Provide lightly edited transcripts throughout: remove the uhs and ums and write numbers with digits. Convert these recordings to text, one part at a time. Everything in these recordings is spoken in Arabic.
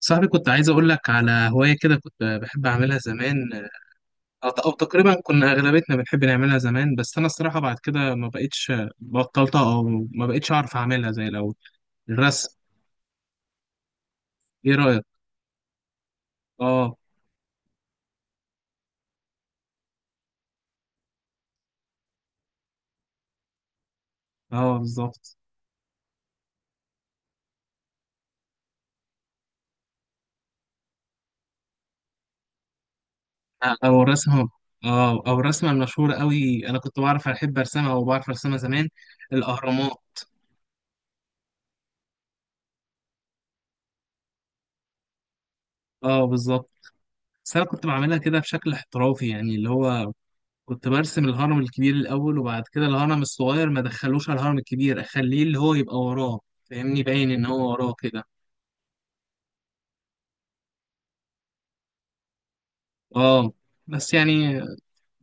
صاحبي، كنت عايز اقول لك على هواية كده كنت بحب اعملها زمان. او تقريبا كنا اغلبيتنا بنحب نعملها زمان. بس انا الصراحة بعد كده ما بقتش، بطلتها، او ما بقتش اعرف اعملها زي الاول. الرسم. ايه رأيك؟ اه. اه، بالظبط. او الرسمة. اه، او الرسمة المشهورة قوي، انا كنت بعرف ارسمها زمان. الاهرامات. اه، بالظبط. بس انا كنت بعملها كده بشكل احترافي، يعني اللي هو كنت برسم الهرم الكبير الأول، وبعد كده الهرم الصغير ما دخلوش على الهرم الكبير، أخليه اللي هو يبقى وراه، فاهمني؟ باين إن هو وراه كده. اه، بس يعني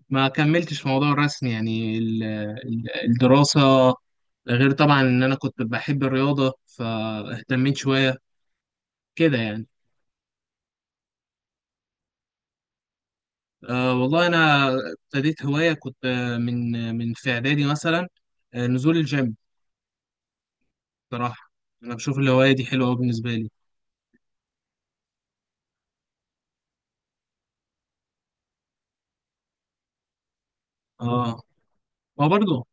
ما كملتش في موضوع الرسم، يعني الدراسة. ده غير طبعا إن أنا كنت بحب الرياضة، فاهتميت شوية كده يعني. أه، والله أنا ابتديت هواية كنت، من في إعدادي مثلا، نزول الجيم. بصراحة أنا بشوف الهواية دي حلوة أوي بالنسبة لي. اه، ما برضه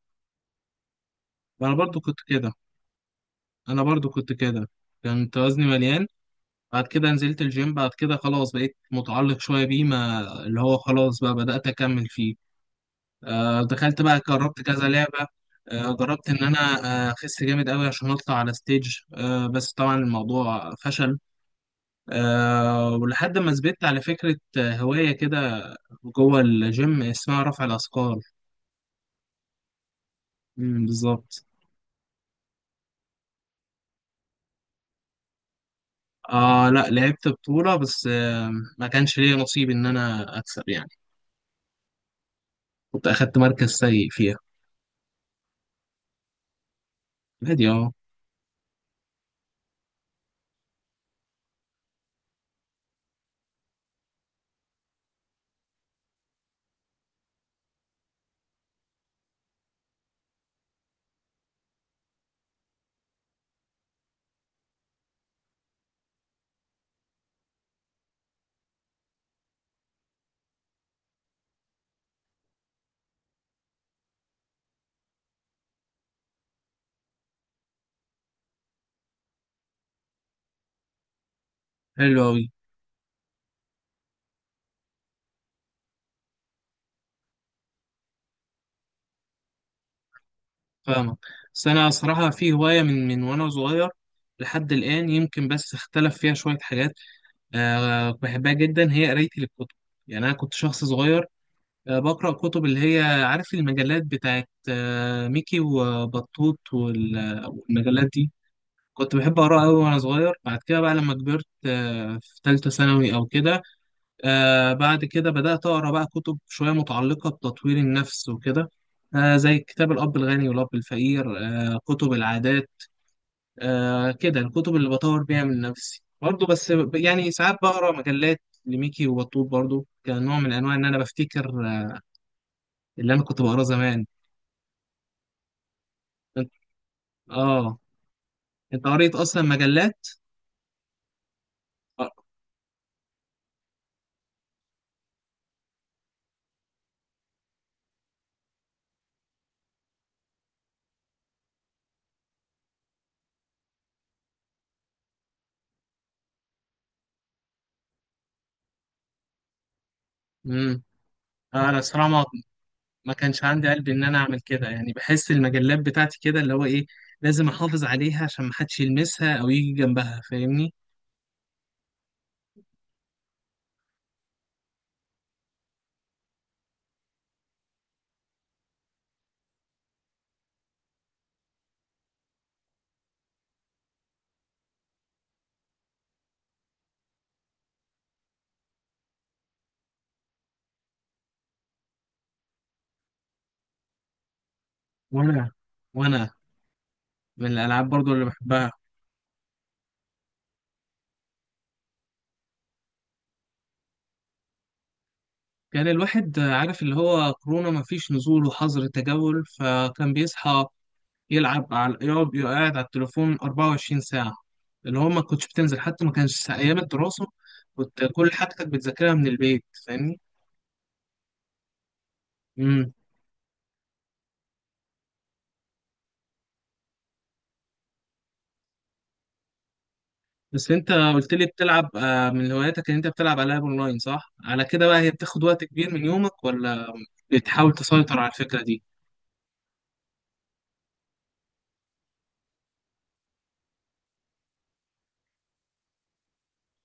أنا برضه كنت كده. انا برضو كنت كده كنت وزني مليان، بعد كده نزلت الجيم، بعد كده خلاص بقيت متعلق شوية بيه، ما اللي هو خلاص بقى بدأت أكمل فيه. دخلت بقى، جربت كذا لعبة. جربت إن أنا، أخس جامد أوي عشان أطلع على ستيج، بس طبعا الموضوع فشل. ولحد ما ثبت على فكرة، هواية كده جوه الجيم اسمها رفع الأثقال. مم، بالظبط. لا، لعبت بطولة بس، ما كانش ليا نصيب إن أنا أكسب يعني. كنت أخدت مركز سيء فيها. عادي، أه. حلو أوي. فاهمك. بس أنا صراحة في هواية من وأنا صغير لحد الآن، يمكن بس اختلف فيها شوية حاجات. أه، بحبها جدا، هي قرايتي للكتب. يعني أنا كنت شخص صغير، بقرأ كتب، اللي هي عارف، المجلات بتاعت، أه، ميكي وبطوط، والمجلات دي. كنت بحب أقرأ أوي وأنا صغير. بعد كده بقى لما كبرت، أه، في تالتة ثانوي أو كده، بعد كده بدأت أقرأ بقى كتب شوية متعلقة بتطوير النفس وكده، زي كتاب الأب الغني والأب الفقير، كتب العادات، كده الكتب اللي بطور بيها من نفسي برضه. بس يعني ساعات بقرأ مجلات لميكي وبطوط برضه، كنوع من أنواع إن أنا بفتكر، آه، اللي أنا كنت بقراه زمان. أنت- آه، أنت قريت أصلا مجلات؟ آه. مم. أنا الصراحة ما كانش عندي قلب ان انا اعمل كده، يعني بحس المجلات بتاعتي كده اللي هو ايه، لازم احافظ عليها عشان ما حدش يلمسها او يجي جنبها، فاهمني. وانا وانا من الالعاب برضو اللي بحبها. كان الواحد عارف اللي هو كورونا ما فيش نزول وحظر تجول، فكان بيصحى يلعب، على يقعد على التليفون 24 ساعة. اللي هو ما كنتش بتنزل، حتى ما كانش ايام الدراسة، كنت كل حاجتك بتذاكرها من البيت، فاهمني. امم. بس انت قلت لي بتلعب، من هواياتك ان انت بتلعب العاب اونلاين، صح؟ على كده بقى، هي بتاخد وقت كبير من يومك، ولا بتحاول تسيطر على الفكرة دي؟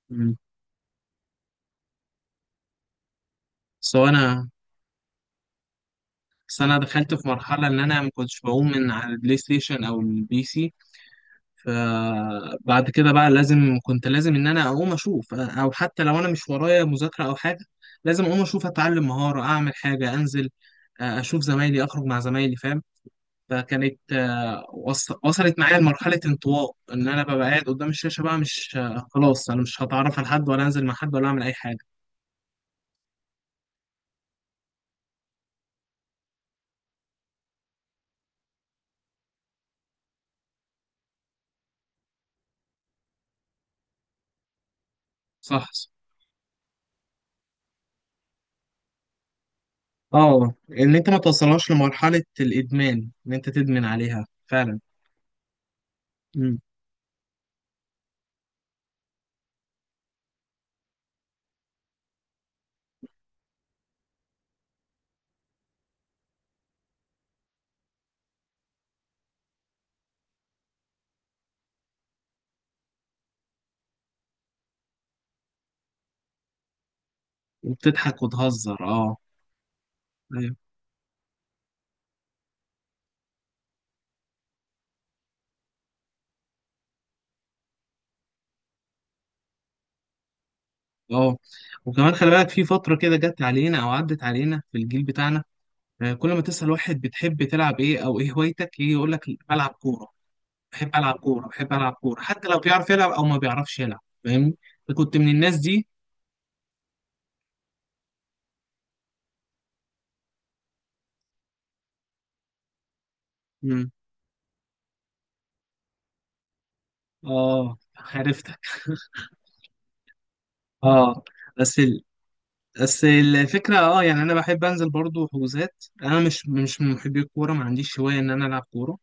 مم. سو انا بس انا دخلت في مرحلة ان انا ما كنتش بقوم من على البلاي ستيشن او البي سي. فبعد كده بقى لازم، كنت لازم ان انا اقوم اشوف، او حتى لو انا مش ورايا مذاكرة او حاجة، لازم اقوم اشوف، اتعلم مهارة، اعمل حاجة، انزل، اشوف زمايلي، اخرج مع زمايلي، فاهم؟ فكانت، وصلت معايا لمرحلة انطواء، إن أنا ببقى قاعد قدام الشاشة بقى، مش، خلاص أنا مش هتعرف على حد، ولا أنزل مع حد، ولا أعمل أي حاجة. صح، صح. اه، إن أنت ما توصلهاش لمرحلة الإدمان، إن أنت تدمن عليها فعلا. مم. وبتضحك وتهزر، اه. أيوه. اه، وكمان خلي بالك، في فترة كده جت علينا أو عدت علينا في الجيل بتاعنا، كل ما تسأل واحد بتحب تلعب إيه أو إيه هوايتك، يجي يقول لك بلعب كورة. بحب العب كوره، بحب العب كوره، حتى لو بيعرف يلعب او ما بيعرفش يلعب، فاهمني. كنت من الناس دي. مم. اه، عرفتك. اه، بس ال... بس الفكره، اه، يعني انا بحب انزل برضو حجوزات، انا مش من محبي الكوره، ما عنديش هوايه ان انا العب كوره.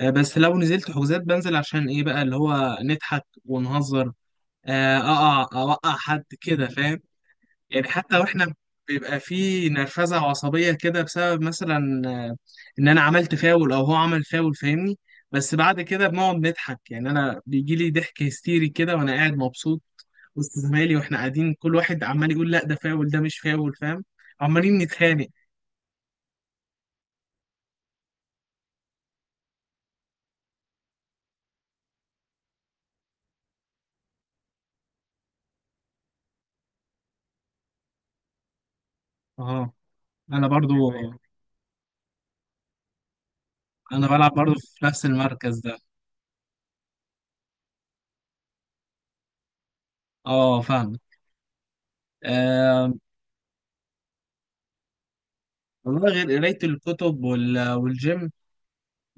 آه، بس لو نزلت حجوزات، بنزل عشان ايه بقى؟ اللي هو نضحك ونهزر، آه، اوقع حد كده، فاهم؟ يعني حتى واحنا بيبقى في نرفزه وعصبيه كده، بسبب مثلا، ان انا عملت فاول، او هو عمل فاول، فاهمني. بس بعد كده بنقعد نضحك، يعني انا بيجي لي ضحك هستيري كده وانا قاعد مبسوط وسط زمايلي، واحنا قاعدين كل واحد عمال يقول لا ده فاول، ده مش فاول، فاهم؟ عمالين نتخانق. اه، انا برضو انا بلعب برضو في نفس المركز ده. اه، فاهم. آه، والله غير قراية الكتب والجيم.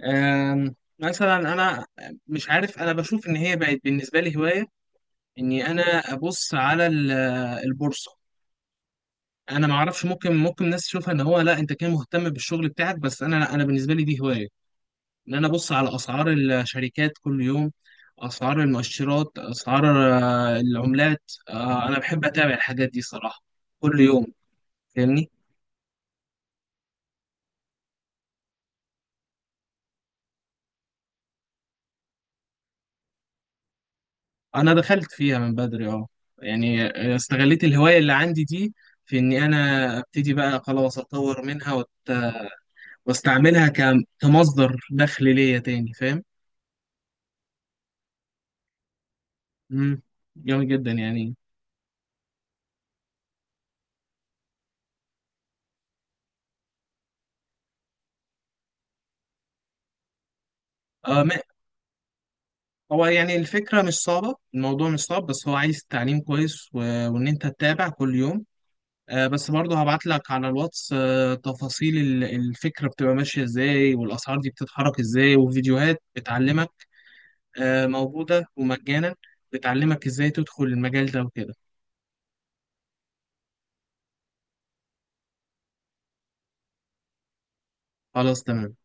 مثلا انا مش عارف، انا بشوف ان هي بقت بالنسبه لي هوايه، اني انا ابص على البورصه. انا ما اعرفش، ممكن ناس تشوفها ان هو لا انت كان مهتم بالشغل بتاعك، بس انا لا، انا بالنسبه لي دي هوايه، ان انا ابص على اسعار الشركات كل يوم، اسعار المؤشرات، اسعار، العملات. انا بحب اتابع الحاجات دي صراحه كل يوم، فاهمني. انا دخلت فيها من بدري، اه، يعني استغليت الهوايه اللي عندي دي، في اني انا ابتدي بقى خلاص اطور منها، واستعملها، كمصدر دخل ليا تاني، فاهم؟ امم. جامد جدا يعني. آه، ما هو يعني الفكره مش صعبه، الموضوع مش صعب، بس هو عايز تعليم كويس، وان انت تتابع كل يوم. آه، بس برضه هبعت لك على الواتس، آه، تفاصيل الفكره بتبقى ماشيه ازاي، والاسعار دي بتتحرك ازاي، وفيديوهات بتعلمك، موجودة ومجانا، بتعلمك ازاي تدخل المجال ده وكده. خلاص، تمام.